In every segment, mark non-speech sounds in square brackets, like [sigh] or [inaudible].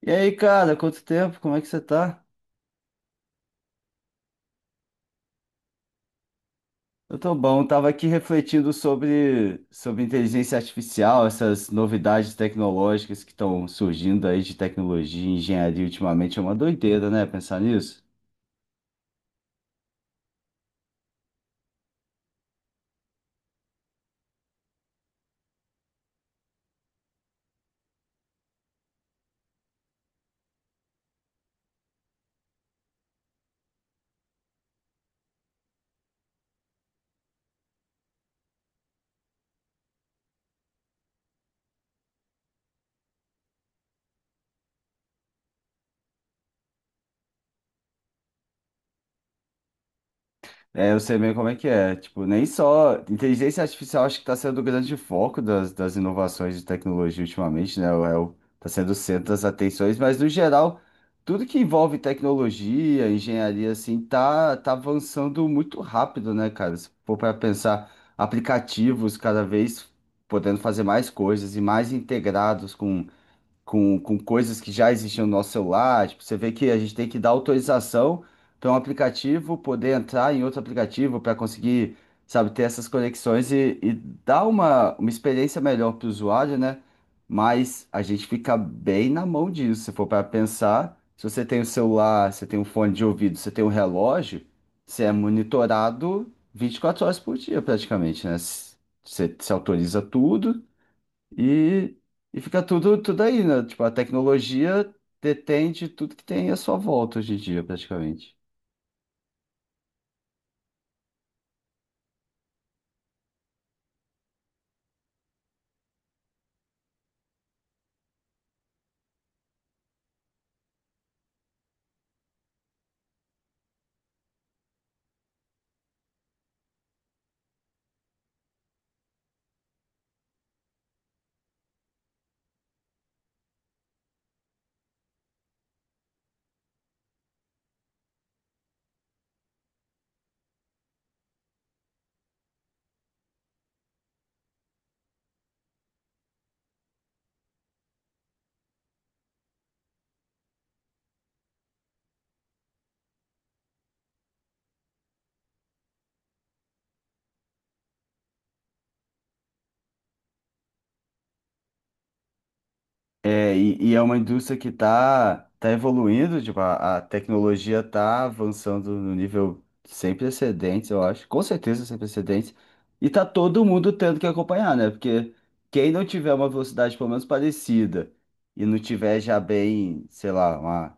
E aí, cara, quanto tempo? Como é que você tá? Eu tô bom, tava aqui refletindo sobre inteligência artificial, essas novidades tecnológicas que estão surgindo aí de tecnologia e engenharia ultimamente. É uma doideira, né? Pensar nisso. É, eu sei bem como é que é. Tipo, nem só. Inteligência artificial acho que está sendo o grande foco das inovações de tecnologia ultimamente, né? Tá sendo o centro das atenções, mas no geral, tudo que envolve tecnologia, engenharia, assim, tá avançando muito rápido, né, cara? Se for para pensar, aplicativos cada vez podendo fazer mais coisas e mais integrados com coisas que já existiam no nosso celular. Tipo, você vê que a gente tem que dar autorização para um aplicativo poder entrar em outro aplicativo para conseguir, sabe, ter essas conexões e dar uma experiência melhor para o usuário, né? Mas a gente fica bem na mão disso. Se for para pensar, se você tem o celular, você tem um fone de ouvido, você tem um relógio, você é monitorado 24 horas por dia praticamente, né? Você se autoriza tudo. E, e fica tudo aí, né? Tipo, a tecnologia detende tudo que tem à sua volta hoje em dia, praticamente. E é uma indústria que tá evoluindo, tipo, a tecnologia tá avançando no nível sem precedentes, eu acho, com certeza sem precedentes, e tá todo mundo tendo que acompanhar, né? Porque quem não tiver uma velocidade pelo menos parecida e não tiver já bem, sei lá, uma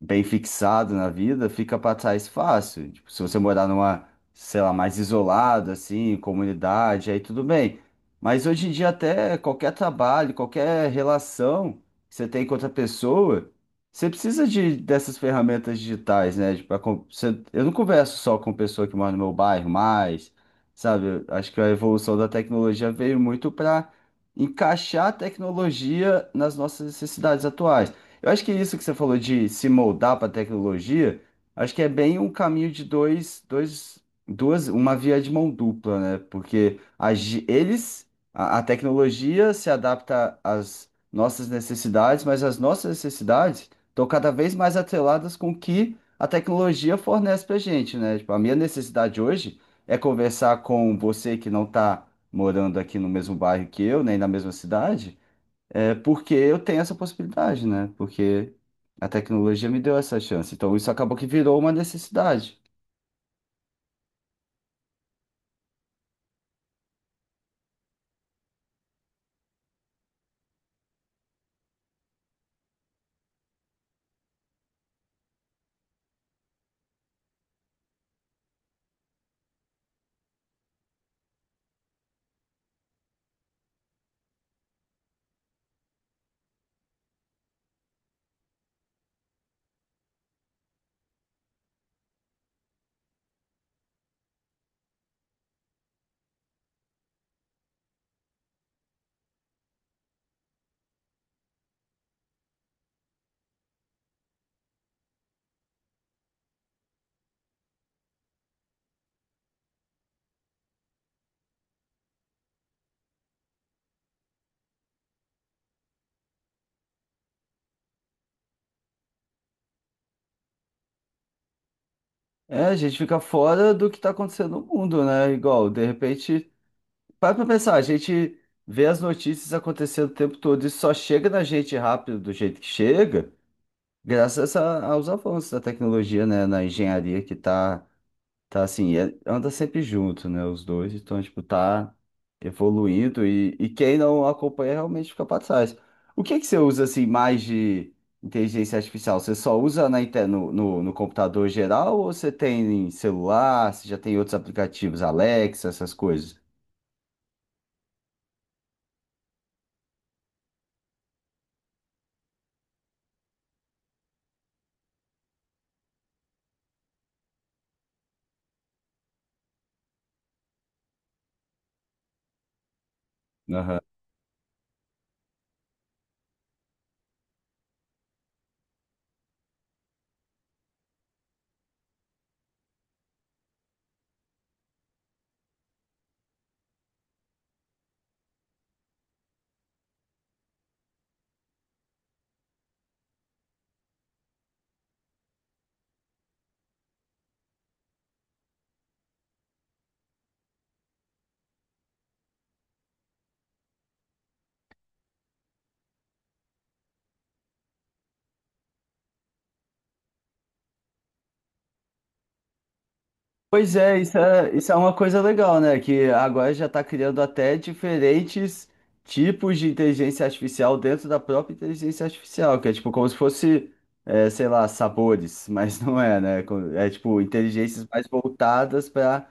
bem fixado na vida, fica pra trás fácil. Tipo, se você morar numa, sei lá, mais isolado, assim, comunidade, aí tudo bem. Mas hoje em dia, até qualquer trabalho, qualquer relação que você tem com outra pessoa, você precisa dessas ferramentas digitais, né? Tipo, eu não converso só com pessoa que mora no meu bairro mais, sabe? Eu acho que a evolução da tecnologia veio muito para encaixar a tecnologia nas nossas necessidades atuais. Eu acho que isso que você falou de se moldar para a tecnologia, acho que é bem um caminho de uma via de mão dupla, né? Porque a ge- eles, a tecnologia se adapta às nossas necessidades, mas as nossas necessidades estão cada vez mais atreladas com o que a tecnologia fornece para gente, né? Tipo, a minha necessidade hoje é conversar com você que não está morando aqui no mesmo bairro que eu, nem na mesma cidade é porque eu tenho essa possibilidade, né? Porque a tecnologia me deu essa chance. Então isso acabou que virou uma necessidade. É, a gente fica fora do que está acontecendo no mundo, né? Igual, de repente, para pra pensar, a gente vê as notícias acontecendo o tempo todo e só chega na gente rápido do jeito que chega, graças aos avanços da tecnologia, né? Na engenharia que está tá assim, anda sempre junto, né? Os dois, então, tipo, tá evoluindo e quem não acompanha realmente fica pra trás. O que é que você usa, assim, mais de inteligência artificial? Você só usa na, no computador geral ou você tem em celular? Você já tem outros aplicativos, Alexa, essas coisas? Pois é, isso é uma coisa legal, né? Que agora já está criando até diferentes tipos de inteligência artificial dentro da própria inteligência artificial, que é tipo como se fosse, é, sei lá, sabores, [laughs] mas não é, né? É tipo inteligências mais voltadas para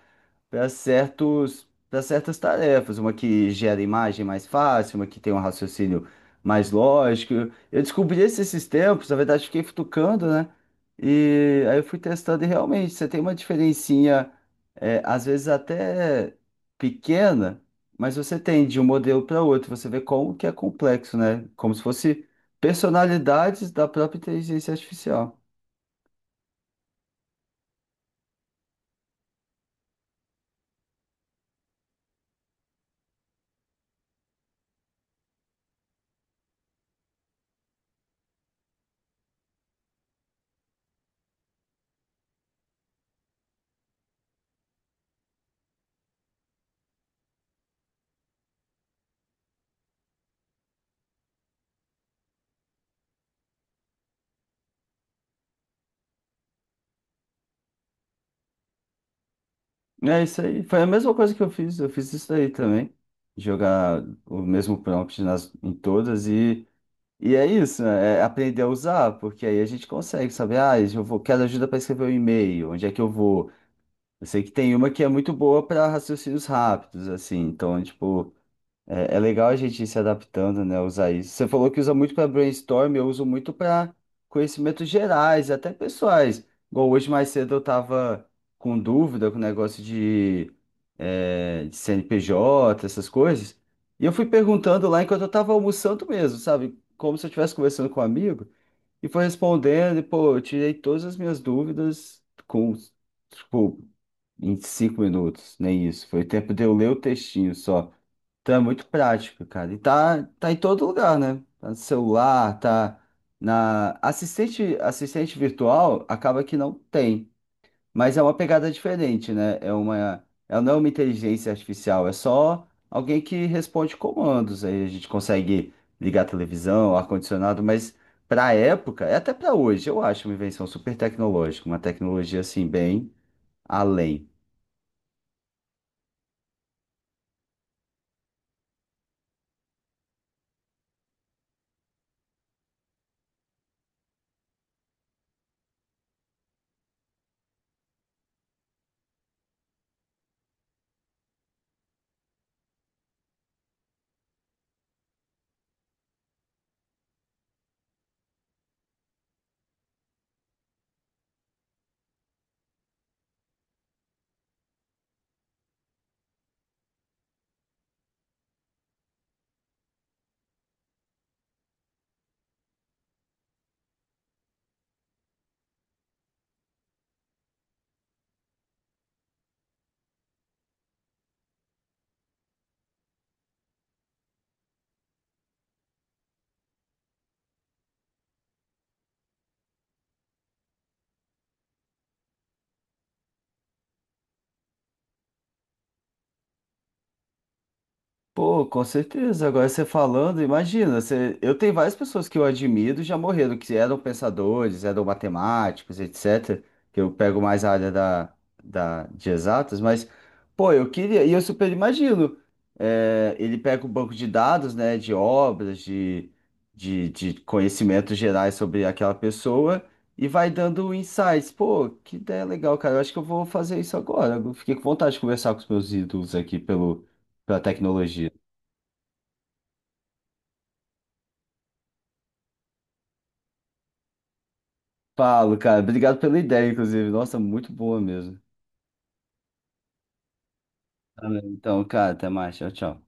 para certos, para certas tarefas, uma que gera imagem mais fácil, uma que tem um raciocínio mais lógico. Eu descobri esses tempos, na verdade, fiquei futucando, né? E aí eu fui testando e realmente você tem uma diferencinha, é, às vezes até pequena, mas você tem de um modelo para outro, você vê como que é complexo, né? Como se fosse personalidades da própria inteligência artificial. É isso aí. Foi a mesma coisa que eu fiz. Eu fiz isso daí também. Jogar o mesmo prompt nas, em todas e é isso, né? É aprender a usar, porque aí a gente consegue saber, ah, eu vou, quero ajuda para escrever o um e-mail, onde é que eu vou? Eu sei que tem uma que é muito boa para raciocínios rápidos, assim, então, tipo. É legal a gente ir se adaptando, né? Usar isso. Você falou que usa muito para brainstorm, eu uso muito para conhecimentos gerais, até pessoais. Igual hoje mais cedo eu estava com dúvida com o negócio de, é, de CNPJ, essas coisas. E eu fui perguntando lá enquanto eu estava almoçando mesmo, sabe? Como se eu estivesse conversando com um amigo. E foi respondendo, e pô, eu tirei todas as minhas dúvidas com, tipo, 25 minutos, nem isso. Foi o tempo de eu ler o textinho só. Então é muito prático, cara. E tá em todo lugar, né? Tá no celular, tá na. Assistente virtual acaba que não tem. Mas é uma pegada diferente, né? É uma. É, não é uma inteligência artificial, é só alguém que responde comandos. Aí a gente consegue ligar a televisão, ar-condicionado, mas pra época, e até pra hoje, eu acho uma invenção super tecnológica, uma tecnologia assim, bem além. Pô, com certeza. Agora você falando, imagina, você... eu tenho várias pessoas que eu admiro e já morreram, que eram pensadores, eram matemáticos, etc. Que eu pego mais a área da... de exatas, mas, pô, eu queria, e eu super imagino. É, ele pega o banco de dados, né, de obras, de conhecimentos gerais sobre aquela pessoa e vai dando insights. Pô, que ideia legal, cara. Eu acho que eu vou fazer isso agora. Eu fiquei com vontade de conversar com os meus ídolos aqui pelo... pela tecnologia. Falo, cara. Obrigado pela ideia, inclusive. Nossa, muito boa mesmo. Tá bem. Então, cara, até mais. Tchau, tchau.